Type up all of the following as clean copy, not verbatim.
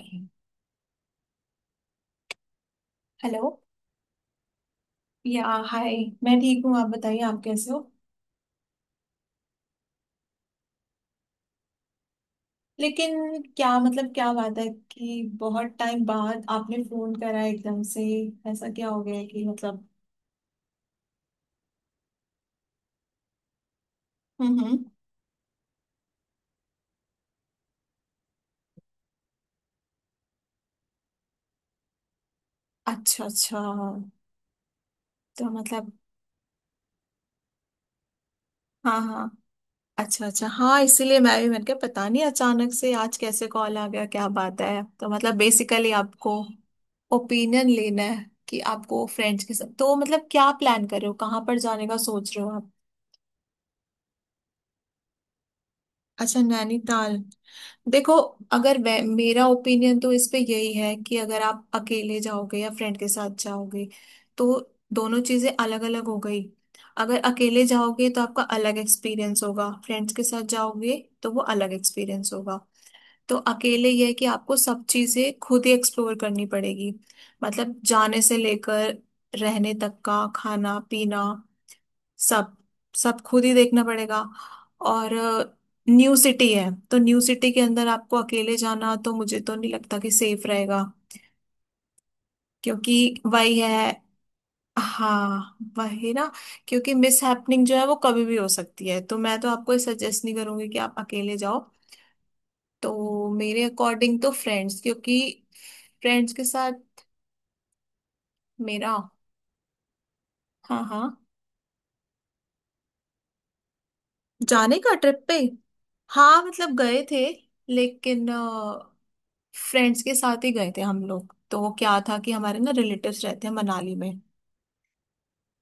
Hello. या hi. मैं ठीक हूँ, आप बताइए आप कैसे हो। लेकिन क्या मतलब, क्या बात है कि बहुत टाइम बाद आपने फोन करा एकदम से? ऐसा क्या हो गया है कि मतलब। हम्म। अच्छा अच्छा, तो मतलब। हाँ हाँ, अच्छा अच्छा हाँ, इसीलिए मैं भी मैंने कहा पता नहीं अचानक से आज कैसे कॉल आ गया, क्या बात है, तो मतलब बेसिकली आपको ओपिनियन लेना है कि आपको फ्रेंड्स के साथ, तो मतलब क्या प्लान कर रहे हो, कहाँ पर जाने का सोच रहे हो आप? अच्छा, नैनीताल। देखो, अगर मेरा ओपिनियन तो इस पे यही है कि अगर आप अकेले जाओगे या फ्रेंड के साथ जाओगे तो दोनों चीजें अलग अलग हो गई। अगर अकेले जाओगे तो आपका अलग एक्सपीरियंस होगा, फ्रेंड्स के साथ जाओगे तो वो अलग एक्सपीरियंस होगा। तो अकेले ये है कि आपको सब चीजें खुद ही एक्सप्लोर करनी पड़ेगी, मतलब जाने से लेकर रहने तक का खाना पीना सब, सब खुद ही देखना पड़ेगा। और न्यू सिटी है, तो न्यू सिटी के अंदर आपको अकेले जाना, तो मुझे तो नहीं लगता कि सेफ रहेगा, क्योंकि वही है। हाँ वही ना, क्योंकि मिस हैपनिंग जो है वो कभी भी हो सकती है, तो मैं तो आपको सजेस्ट नहीं करूंगी कि आप अकेले जाओ। तो मेरे अकॉर्डिंग तो फ्रेंड्स, क्योंकि फ्रेंड्स के साथ। मेरा, हाँ हाँ, जाने का ट्रिप पे। हाँ मतलब गए थे, लेकिन फ्रेंड्स के साथ ही गए थे हम लोग, तो क्या था कि हमारे ना रिलेटिव्स रहते हैं मनाली में,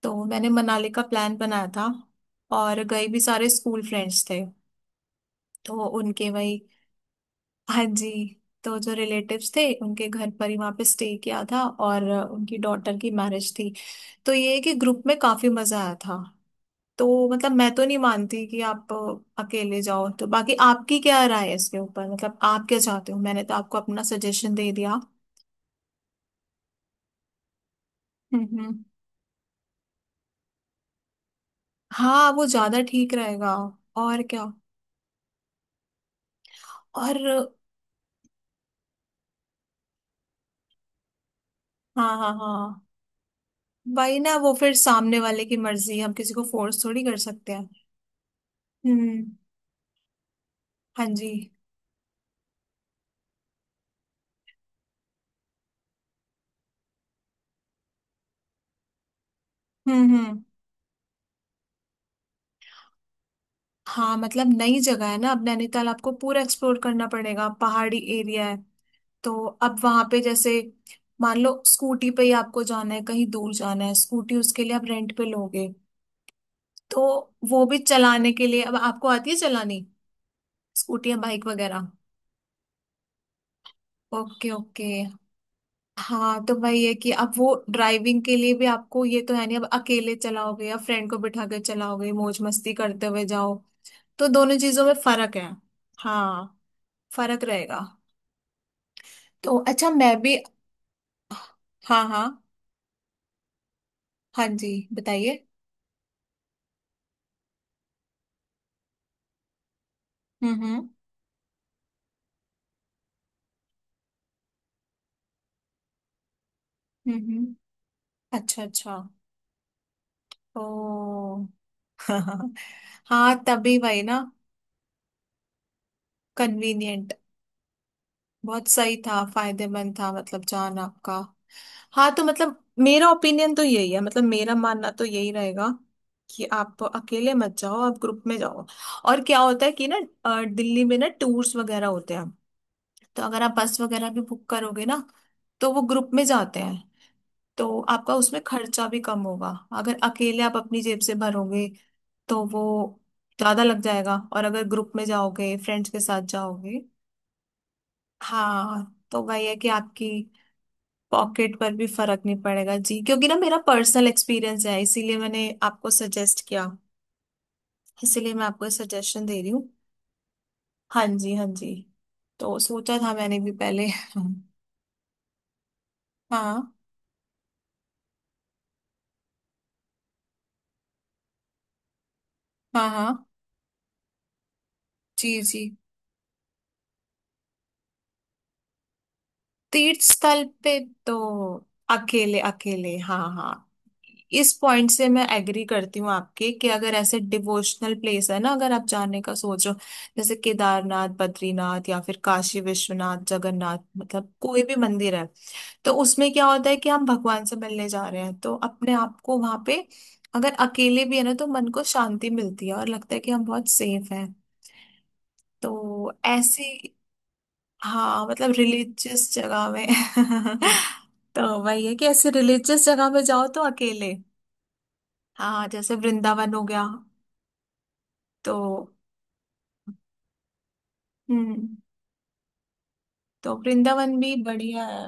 तो मैंने मनाली का प्लान बनाया था, और गए भी, सारे स्कूल फ्रेंड्स थे। तो उनके वही। हाँ जी। तो जो रिलेटिव्स थे उनके घर पर ही वहाँ पे स्टे किया था, और उनकी डॉटर की मैरिज थी। तो ये है कि ग्रुप में काफी मजा आया था। तो मतलब मैं तो नहीं मानती कि आप अकेले जाओ, तो बाकी आपकी क्या राय है इसके ऊपर, मतलब आप क्या चाहते हो, मैंने तो आपको अपना सजेशन दे दिया। हम्म। हाँ वो ज्यादा ठीक रहेगा। और क्या। और हाँ हाँ हाँ, वही ना, वो फिर सामने वाले की मर्जी, हम किसी को फोर्स थोड़ी कर सकते हैं। हम्म। हाँ जी। हम्म। हाँ मतलब नई जगह है ना, अब नैनीताल आपको पूरा एक्सप्लोर करना पड़ेगा, पहाड़ी एरिया है। तो अब वहां पे जैसे मान लो, स्कूटी पे ही आपको जाना है, कहीं दूर जाना है, स्कूटी उसके लिए आप रेंट पे लोगे, तो वो भी चलाने के लिए, अब आपको आती है चलानी स्कूटी या बाइक वगैरह? Okay okay. हाँ तो वही है कि अब वो ड्राइविंग के लिए भी आपको ये तो है नहीं, अब अकेले चलाओगे या फ्रेंड को बिठा कर चलाओगे मौज मस्ती करते हुए जाओ, तो दोनों चीजों में फर्क है। हाँ फर्क रहेगा। तो अच्छा मैं भी। हाँ हाँ। हाँ जी बताइए। हम्म। हम्म हम्म, अच्छा अच्छा। ओ हाँ तभी वही ना, कन्वीनियंट, बहुत सही था, फायदेमंद था, मतलब जान आपका। हाँ तो मतलब मेरा ओपिनियन तो यही है, मतलब मेरा मानना तो यही रहेगा कि आप अकेले मत जाओ, आप ग्रुप में जाओ। और क्या होता है कि ना, दिल्ली में ना टूर्स वगैरह होते हैं, तो अगर आप बस वगैरह भी बुक करोगे ना तो वो ग्रुप में जाते हैं, तो आपका उसमें खर्चा भी कम होगा। अगर अकेले आप अपनी जेब से भरोगे तो वो ज्यादा लग जाएगा, और अगर ग्रुप में जाओगे फ्रेंड्स के साथ जाओगे। हाँ तो वही है कि आपकी पॉकेट पर भी फर्क नहीं पड़ेगा जी, क्योंकि ना मेरा पर्सनल एक्सपीरियंस है, इसीलिए मैंने आपको सजेस्ट किया, इसीलिए मैं आपको सजेशन दे रही हूँ। हाँ जी हाँ जी। तो सोचा था मैंने भी पहले हाँ हाँ। हाँ जी जी। तीर्थ स्थल पे। तो अकेले अकेले, हाँ हाँ, इस पॉइंट से मैं एग्री करती हूँ आपके, कि अगर ऐसे डिवोशनल प्लेस है ना अगर आप जाने का सोचो, जैसे केदारनाथ बद्रीनाथ या फिर काशी विश्वनाथ जगन्नाथ, मतलब कोई भी मंदिर है, तो उसमें क्या होता है कि हम भगवान से मिलने जा रहे हैं, तो अपने आप को वहां पे अगर अकेले भी है ना तो मन को शांति मिलती है और लगता है कि हम बहुत सेफ हैं। तो ऐसे, हाँ मतलब रिलीजियस जगह में तो वही है कि ऐसे रिलीजियस जगह में जाओ तो अकेले। हाँ जैसे वृंदावन हो गया। तो हम्म, तो वृंदावन भी बढ़िया है।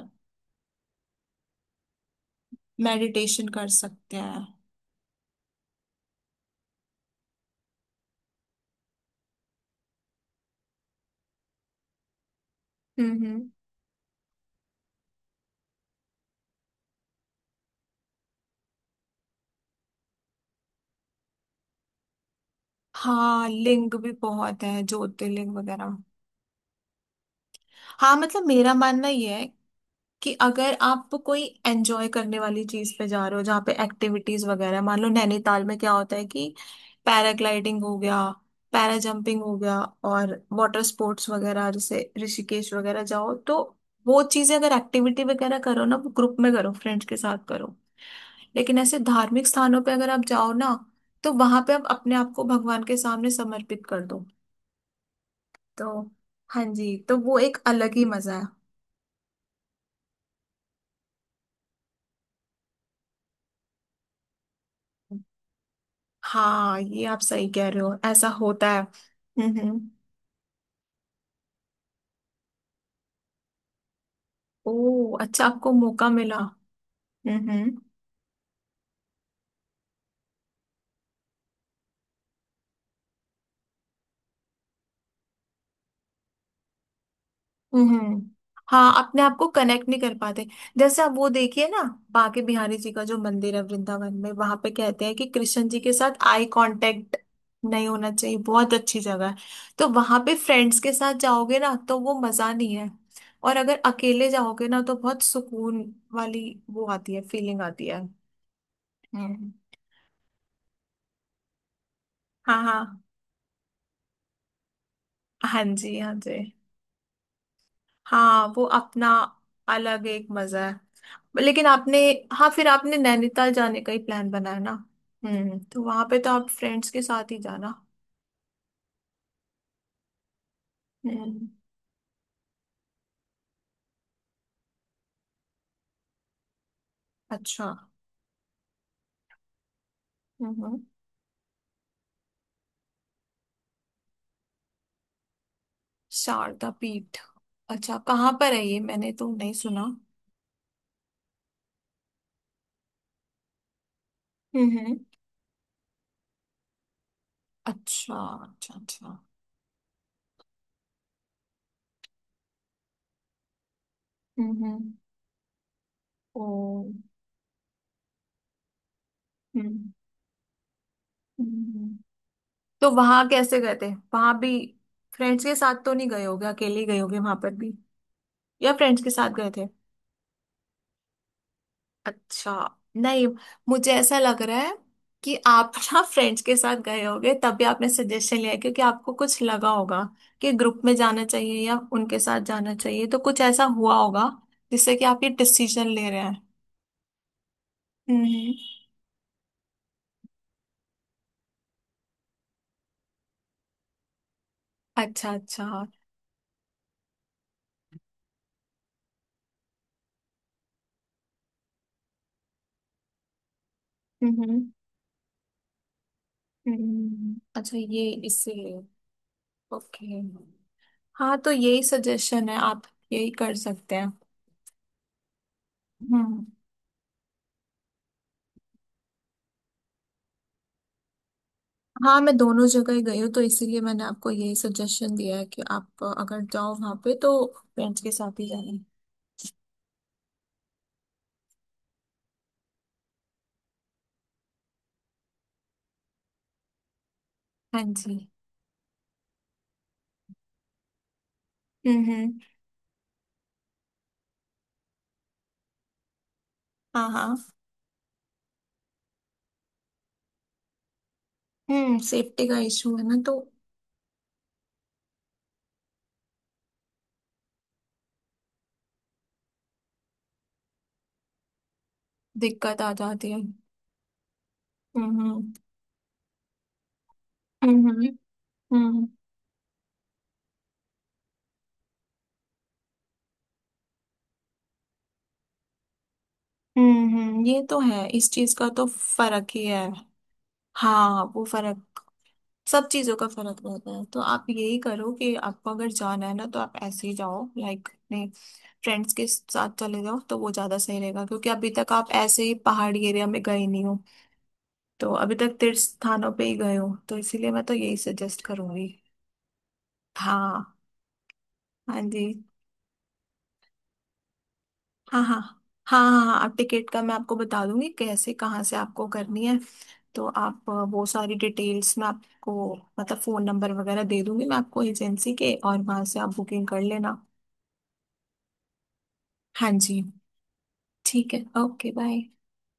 मेडिटेशन कर सकते हैं। हम्म हम्म। हाँ लिंग भी बहुत है ज्योतिर्लिंग वगैरह। हाँ मतलब मेरा मानना ये है कि अगर आप कोई एंजॉय करने वाली चीज पे जा रहे हो जहाँ पे एक्टिविटीज वगैरह है, मान लो नैनीताल में क्या होता है कि पैराग्लाइडिंग हो गया, पैरा जंपिंग हो गया, और वाटर स्पोर्ट्स वगैरह, जैसे ऋषिकेश वगैरह जाओ तो वो चीजें, अगर एक्टिविटी वगैरह करो ना, वो ग्रुप में करो, फ्रेंड्स के साथ करो। लेकिन ऐसे धार्मिक स्थानों पे अगर आप जाओ ना, तो वहां पे आप अपने आप को भगवान के सामने समर्पित कर दो, तो हाँ जी, तो वो एक अलग ही मजा है। हाँ ये आप सही कह रहे हो, ऐसा होता है। हम्म। ओ अच्छा, आपको मौका मिला। हम्म हम्म। हाँ अपने आप को कनेक्ट नहीं कर पाते। जैसे आप वो देखिए ना, बांके बिहारी जी का जो मंदिर है वृंदावन में, वहां पे कहते हैं कि कृष्ण जी के साथ आई कांटेक्ट नहीं होना चाहिए, बहुत अच्छी जगह है। तो वहां पे फ्रेंड्स के साथ जाओगे ना तो वो मजा नहीं है, और अगर अकेले जाओगे ना तो बहुत सुकून वाली वो आती है, फीलिंग आती है। हम्म। हाँ हाँ। हाँ जी हाँ जी। हाँ वो अपना अलग एक मजा है। लेकिन आपने, हाँ फिर आपने नैनीताल जाने का ही प्लान बनाया ना। तो वहां पे तो आप फ्रेंड्स के साथ ही जाना। हम्म। अच्छा। हम्म। शारदा पीठ। अच्छा कहाँ पर है ये, मैंने तो नहीं सुना। हम्म। अच्छा अच्छा अच्छा। हम्म। ओ। हम्म हम्म। तो वहां कैसे गए थे वहां भी? फ्रेंड्स के साथ तो नहीं गए होगे, अकेले ही गए होगे वहां पर भी, या फ्रेंड्स के साथ गए थे? अच्छा। नहीं, मुझे ऐसा लग रहा है कि आप ना फ्रेंड्स के साथ गए होगे तभी आपने सजेशन लिया है, क्योंकि आपको कुछ लगा होगा कि ग्रुप में जाना चाहिए या उनके साथ जाना चाहिए, तो कुछ ऐसा हुआ होगा जिससे कि आप ये डिसीजन ले रहे हैं। हम्म। अच्छा अच्छा। हम्म हम्म। अच्छा ये इसीलिए। ओके। हाँ तो यही सजेशन है, आप यही कर सकते हैं। हम्म। हाँ मैं दोनों जगह ही गई हूँ, तो इसीलिए मैंने आपको यही सजेशन दिया है कि आप अगर जाओ वहां पे तो पेरेंट्स के साथ ही जाना। हाँ जी। हम्म। हाँ हाँ। हम्म, सेफ्टी का इशू है ना तो। दिक्कत आ जाती है। हम्म हम्म हम्म हम्म हम्म ये तो है, इस चीज का तो फर्क ही है। हाँ वो फर्क, सब चीजों का फर्क रहता है। तो आप यही करो कि आपको अगर जाना है ना, तो आप ऐसे ही जाओ लाइक, फ्रेंड्स के साथ चले जाओ, तो वो ज्यादा सही रहेगा, क्योंकि अभी तक आप ऐसे ही पहाड़ी एरिया में गए नहीं हो, तो अभी तक तीर्थ स्थानों पे ही गए हो, तो इसीलिए मैं तो यही सजेस्ट करूंगी। हाँ। हाँ जी। हाँ हाँ। हाँ हाँ हाँ आप टिकट का मैं आपको बता दूंगी कैसे कहाँ से आपको करनी है, तो आप वो सारी डिटेल्स मैं आपको, मतलब फोन नंबर वगैरह दे दूंगी मैं आपको एजेंसी के, और वहां से आप बुकिंग कर लेना। हाँ जी। ठीक है। Okay bye.